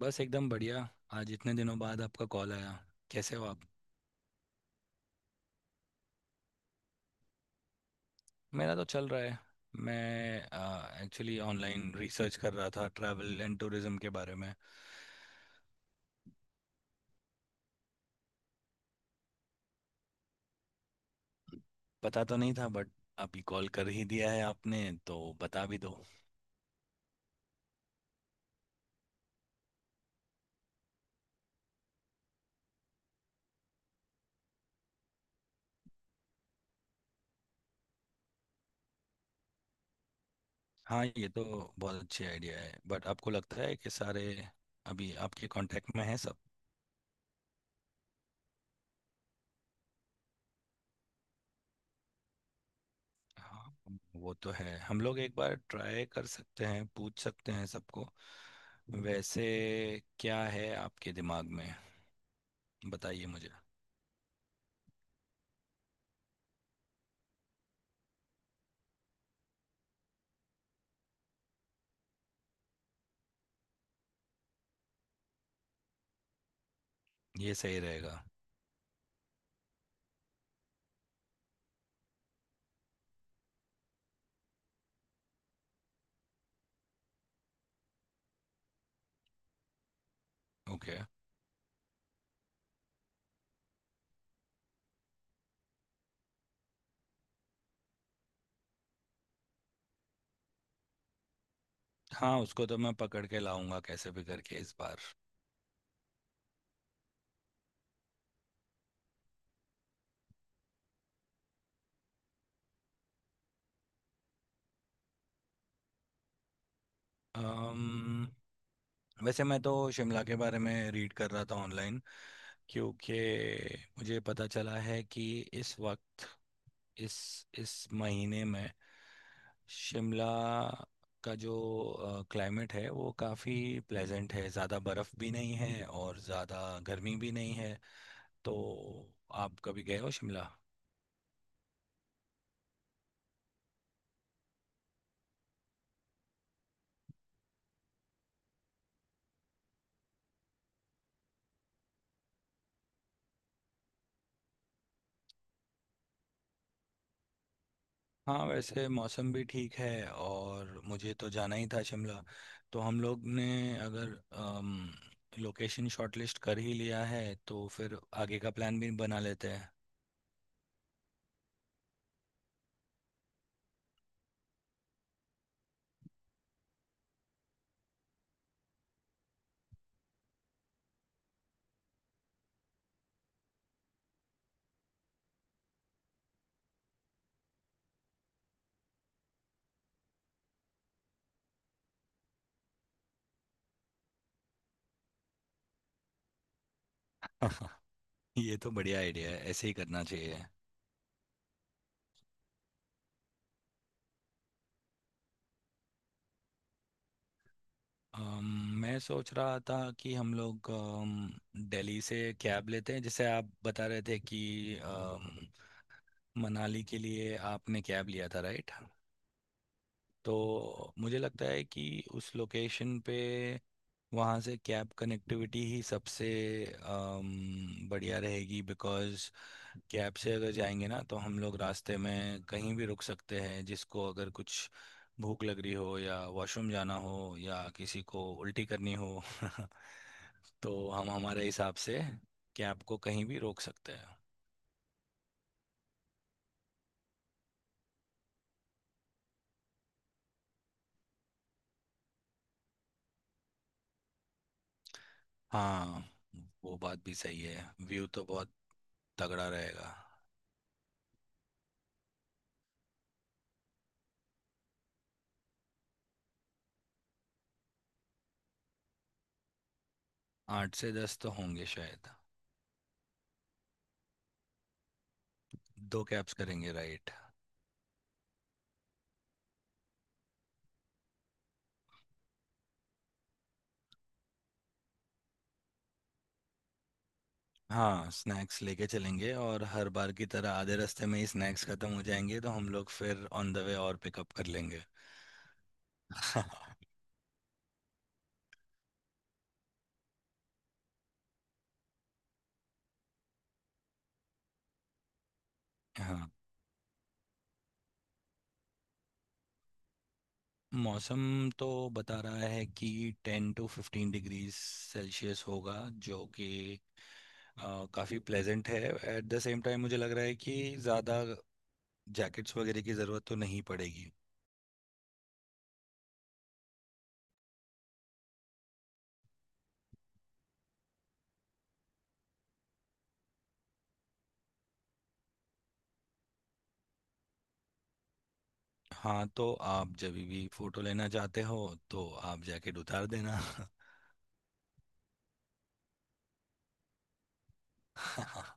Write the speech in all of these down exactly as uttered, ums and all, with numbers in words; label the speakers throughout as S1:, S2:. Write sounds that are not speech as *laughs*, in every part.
S1: बस एकदम बढ़िया। आज इतने दिनों बाद आपका कॉल आया। कैसे हो आप? मेरा तो चल रहा है। मैं एक्चुअली ऑनलाइन रिसर्च कर रहा था ट्रैवल एंड टूरिज्म के बारे में। पता तो नहीं था बट अभी कॉल कर ही दिया है आपने तो बता भी दो। हाँ, ये तो बहुत अच्छी आइडिया है, बट आपको लगता है कि सारे अभी आपके कांटेक्ट में हैं सब? हाँ, वो तो है। हम लोग एक बार ट्राई कर सकते हैं, पूछ सकते हैं सबको। वैसे क्या है आपके दिमाग में? बताइए मुझे। ये सही रहेगा। ओके। हाँ, उसको तो मैं पकड़ के लाऊंगा कैसे भी करके इस बार। अम्म वैसे मैं तो शिमला के बारे में रीड कर रहा था ऑनलाइन। क्योंकि मुझे पता चला है कि इस वक्त इस इस महीने में शिमला का जो क्लाइमेट है वो काफ़ी प्लेजेंट है। ज़्यादा बर्फ़ भी नहीं है और ज़्यादा गर्मी भी नहीं है। तो आप कभी गए हो शिमला? हाँ, वैसे मौसम भी ठीक है और मुझे तो जाना ही था शिमला। तो हम लोग ने अगर अम, लोकेशन शॉर्टलिस्ट कर ही लिया है तो फिर आगे का प्लान भी बना लेते हैं। *laughs* ये तो बढ़िया आइडिया है, ऐसे ही करना चाहिए। अम, मैं सोच रहा था कि हम लोग अम, दिल्ली से कैब लेते हैं, जैसे आप बता रहे थे कि अम, मनाली के लिए आपने कैब लिया था, राइट? तो मुझे लगता है कि उस लोकेशन पे वहाँ से कैब कनेक्टिविटी ही सबसे अम, बढ़िया रहेगी, बिकॉज़ कैब से अगर जाएंगे ना तो हम लोग रास्ते में कहीं भी रुक सकते हैं, जिसको अगर कुछ भूख लग रही हो या वॉशरूम जाना हो या किसी को उल्टी करनी हो। *laughs* तो हम हमारे हिसाब से कैब को कहीं भी रोक सकते हैं। हाँ, वो बात भी सही है। व्यू तो बहुत तगड़ा रहेगा। आठ से दस तो होंगे शायद। दो कैब्स करेंगे, राइट? हाँ, स्नैक्स लेके चलेंगे और हर बार की तरह आधे रास्ते में ही स्नैक्स खत्म हो जाएंगे तो हम लोग फिर ऑन द वे और पिकअप कर लेंगे। *laughs* हाँ, मौसम तो बता रहा है कि ten to fifteen degree Celsius होगा, जो कि अ, काफ़ी प्लेजेंट है। एट द सेम टाइम मुझे लग रहा है कि ज़्यादा जैकेट्स वगैरह की ज़रूरत तो नहीं पड़ेगी। हाँ तो आप जब भी फ़ोटो लेना चाहते हो तो आप जैकेट उतार देना। *laughs* *laughs*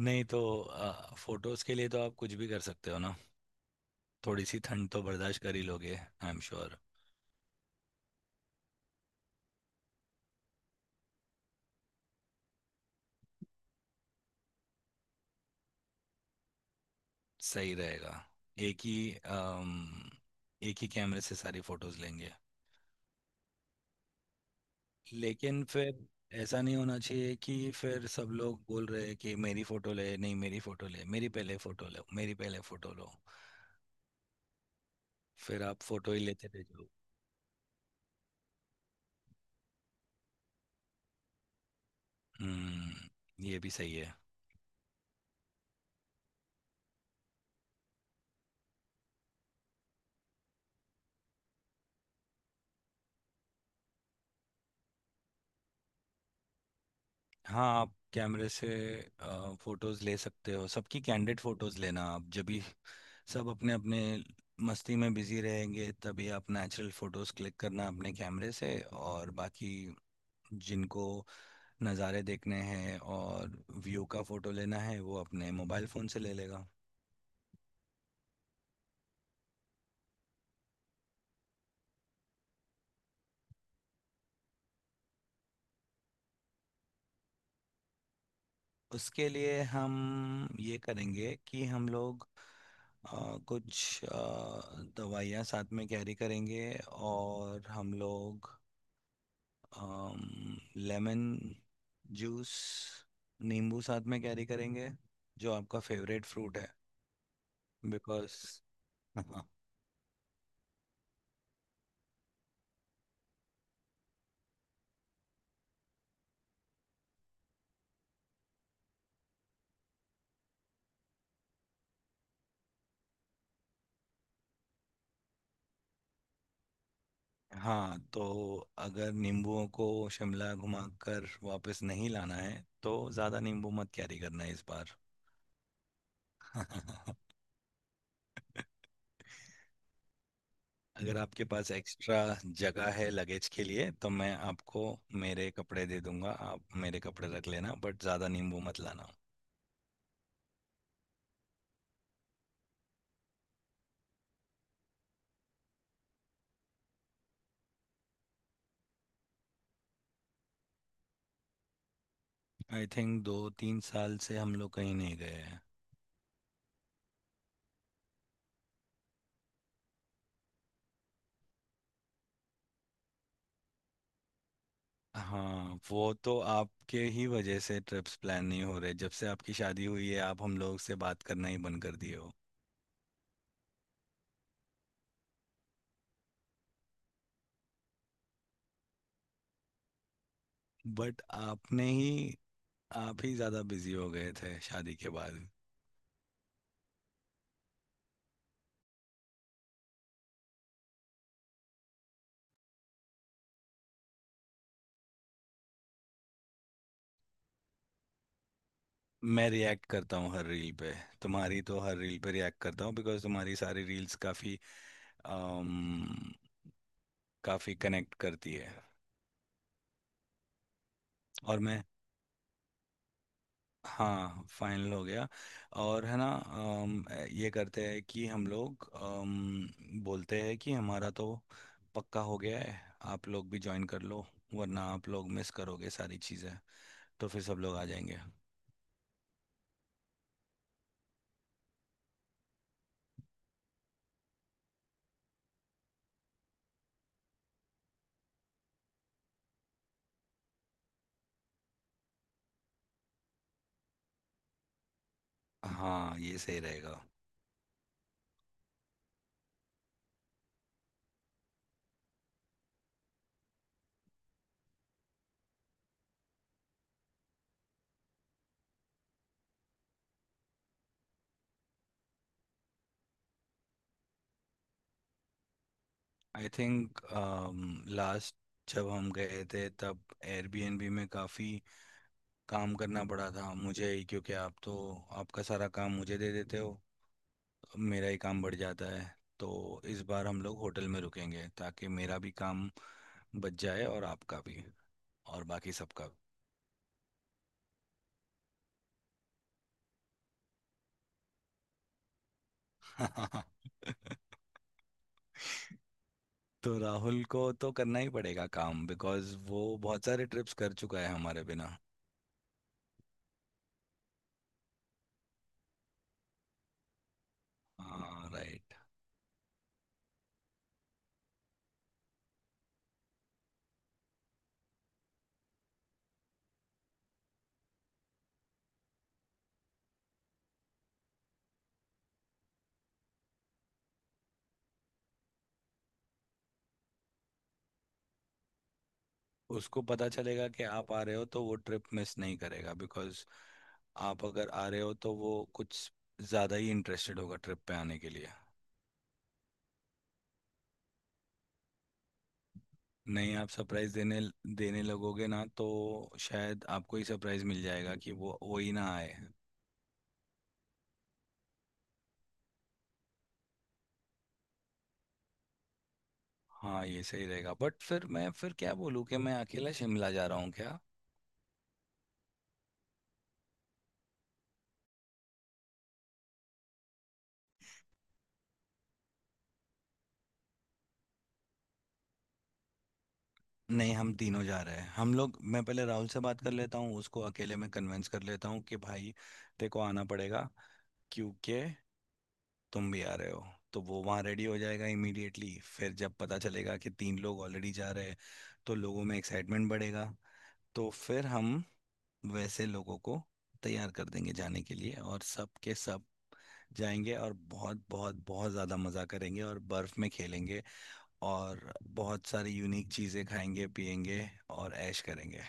S1: नहीं तो आ, फोटोज के लिए तो आप कुछ भी कर सकते हो ना। थोड़ी सी ठंड तो बर्दाश्त कर ही लोगे, आई एम श्योर। सही रहेगा। एक ही अम, एक ही कैमरे से सारी फोटोज लेंगे। लेकिन फिर ऐसा नहीं होना चाहिए कि फिर सब लोग बोल रहे हैं कि मेरी फोटो ले, नहीं मेरी फोटो ले, मेरी पहले फोटो लो, मेरी पहले फोटो लो। फिर आप फोटो ही लेते रह जाओ। हम्म, ये भी सही है। हाँ, आप कैमरे से फोटोज ले सकते हो सबकी। कैंडिड फोटोज लेना आप जब भी सब अपने अपने मस्ती में बिजी रहेंगे, तभी आप नेचुरल फोटोज क्लिक करना अपने कैमरे से। और बाकी जिनको नज़ारे देखने हैं और व्यू का फोटो लेना है वो अपने मोबाइल फ़ोन से ले लेगा। उसके लिए हम ये करेंगे कि हम लोग अ, कुछ अ, दवाइयाँ साथ में कैरी करेंगे। और हम लोग um, लेमन जूस, नींबू साथ में कैरी करेंगे, जो आपका फेवरेट फ्रूट है। बिकॉज *laughs* हाँ। हाँ तो अगर नींबुओं को शिमला घुमाकर वापस नहीं लाना है तो ज़्यादा नींबू मत कैरी करना इस बार। *laughs* अगर आपके पास एक्स्ट्रा जगह है लगेज के लिए तो मैं आपको मेरे कपड़े दे दूंगा, आप मेरे कपड़े रख लेना, बट ज़्यादा नींबू मत लाना। आई थिंक दो तीन साल से हम लोग कहीं नहीं गए। हाँ, वो तो आपके ही वजह से ट्रिप्स प्लान नहीं हो रहे। जब से आपकी शादी हुई है आप हम लोग से बात करना ही बंद कर दिए हो। बट आपने ही आप ही ज़्यादा बिजी हो गए थे शादी के बाद। मैं रिएक्ट करता हूँ हर रील पे। तुम्हारी तो हर रील पे रिएक्ट करता हूँ, बिकॉज़ तुम्हारी सारी रील्स काफ़ी अम, काफ़ी कनेक्ट करती है। और मैं हाँ, फाइनल हो गया। और है ना अम, ये करते हैं कि हम लोग अम, बोलते हैं कि हमारा तो पक्का हो गया है, आप लोग भी ज्वाइन कर लो वरना आप लोग मिस करोगे सारी चीज़ें। तो फिर सब लोग आ जाएंगे। हाँ, ये सही रहेगा। आई थिंक लास्ट जब हम गए थे तब एयरबीएनबी में काफ़ी काम करना पड़ा था मुझे ही, क्योंकि आप तो आपका सारा काम मुझे दे देते हो, मेरा ही काम बढ़ जाता है। तो इस बार हम लोग होटल में रुकेंगे ताकि मेरा भी काम बच जाए और आपका भी और बाकी सबका भी। *laughs* तो राहुल को तो करना ही पड़ेगा काम, बिकॉज वो बहुत सारे ट्रिप्स कर चुका है हमारे बिना। हाँ, राइट। उसको पता चलेगा कि आप आ रहे हो तो वो ट्रिप मिस नहीं करेगा, बिकॉज आप अगर आ रहे हो तो वो कुछ ज़्यादा ही इंटरेस्टेड होगा ट्रिप पे आने के लिए। नहीं, आप सरप्राइज देने देने लगोगे ना तो शायद आपको ही सरप्राइज मिल जाएगा कि वो वो ही ना आए। हाँ, ये सही रहेगा। बट फिर मैं फिर क्या बोलूँ कि मैं अकेला शिमला जा रहा हूँ क्या? नहीं, हम तीनों जा रहे हैं। हम लोग मैं पहले राहुल से बात कर लेता हूँ, उसको अकेले में कन्विंस कर लेता हूँ कि भाई तेरे को आना पड़ेगा, क्योंकि तुम भी आ रहे हो। तो वो वहाँ रेडी हो जाएगा इमीडिएटली। फिर जब पता चलेगा कि तीन लोग ऑलरेडी जा रहे हैं तो लोगों में एक्साइटमेंट बढ़ेगा। तो फिर हम वैसे लोगों को तैयार कर देंगे जाने के लिए और सब के सब जाएंगे और बहुत बहुत बहुत ज़्यादा मज़ा करेंगे और बर्फ़ में खेलेंगे। और बहुत सारी यूनिक चीज़ें खाएंगे पिएंगे और ऐश करेंगे।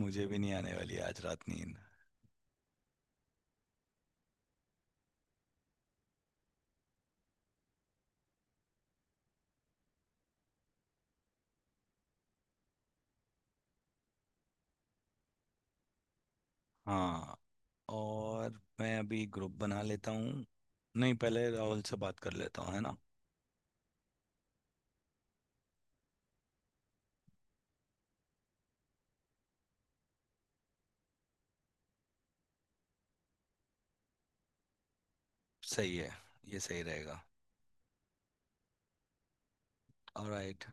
S1: मुझे भी नहीं आने वाली आज रात नींद। हाँ, और मैं अभी ग्रुप बना लेता हूँ। नहीं, पहले राहुल से बात कर लेता हूँ, है ना? सही है। ये सही रहेगा। ऑलराइट।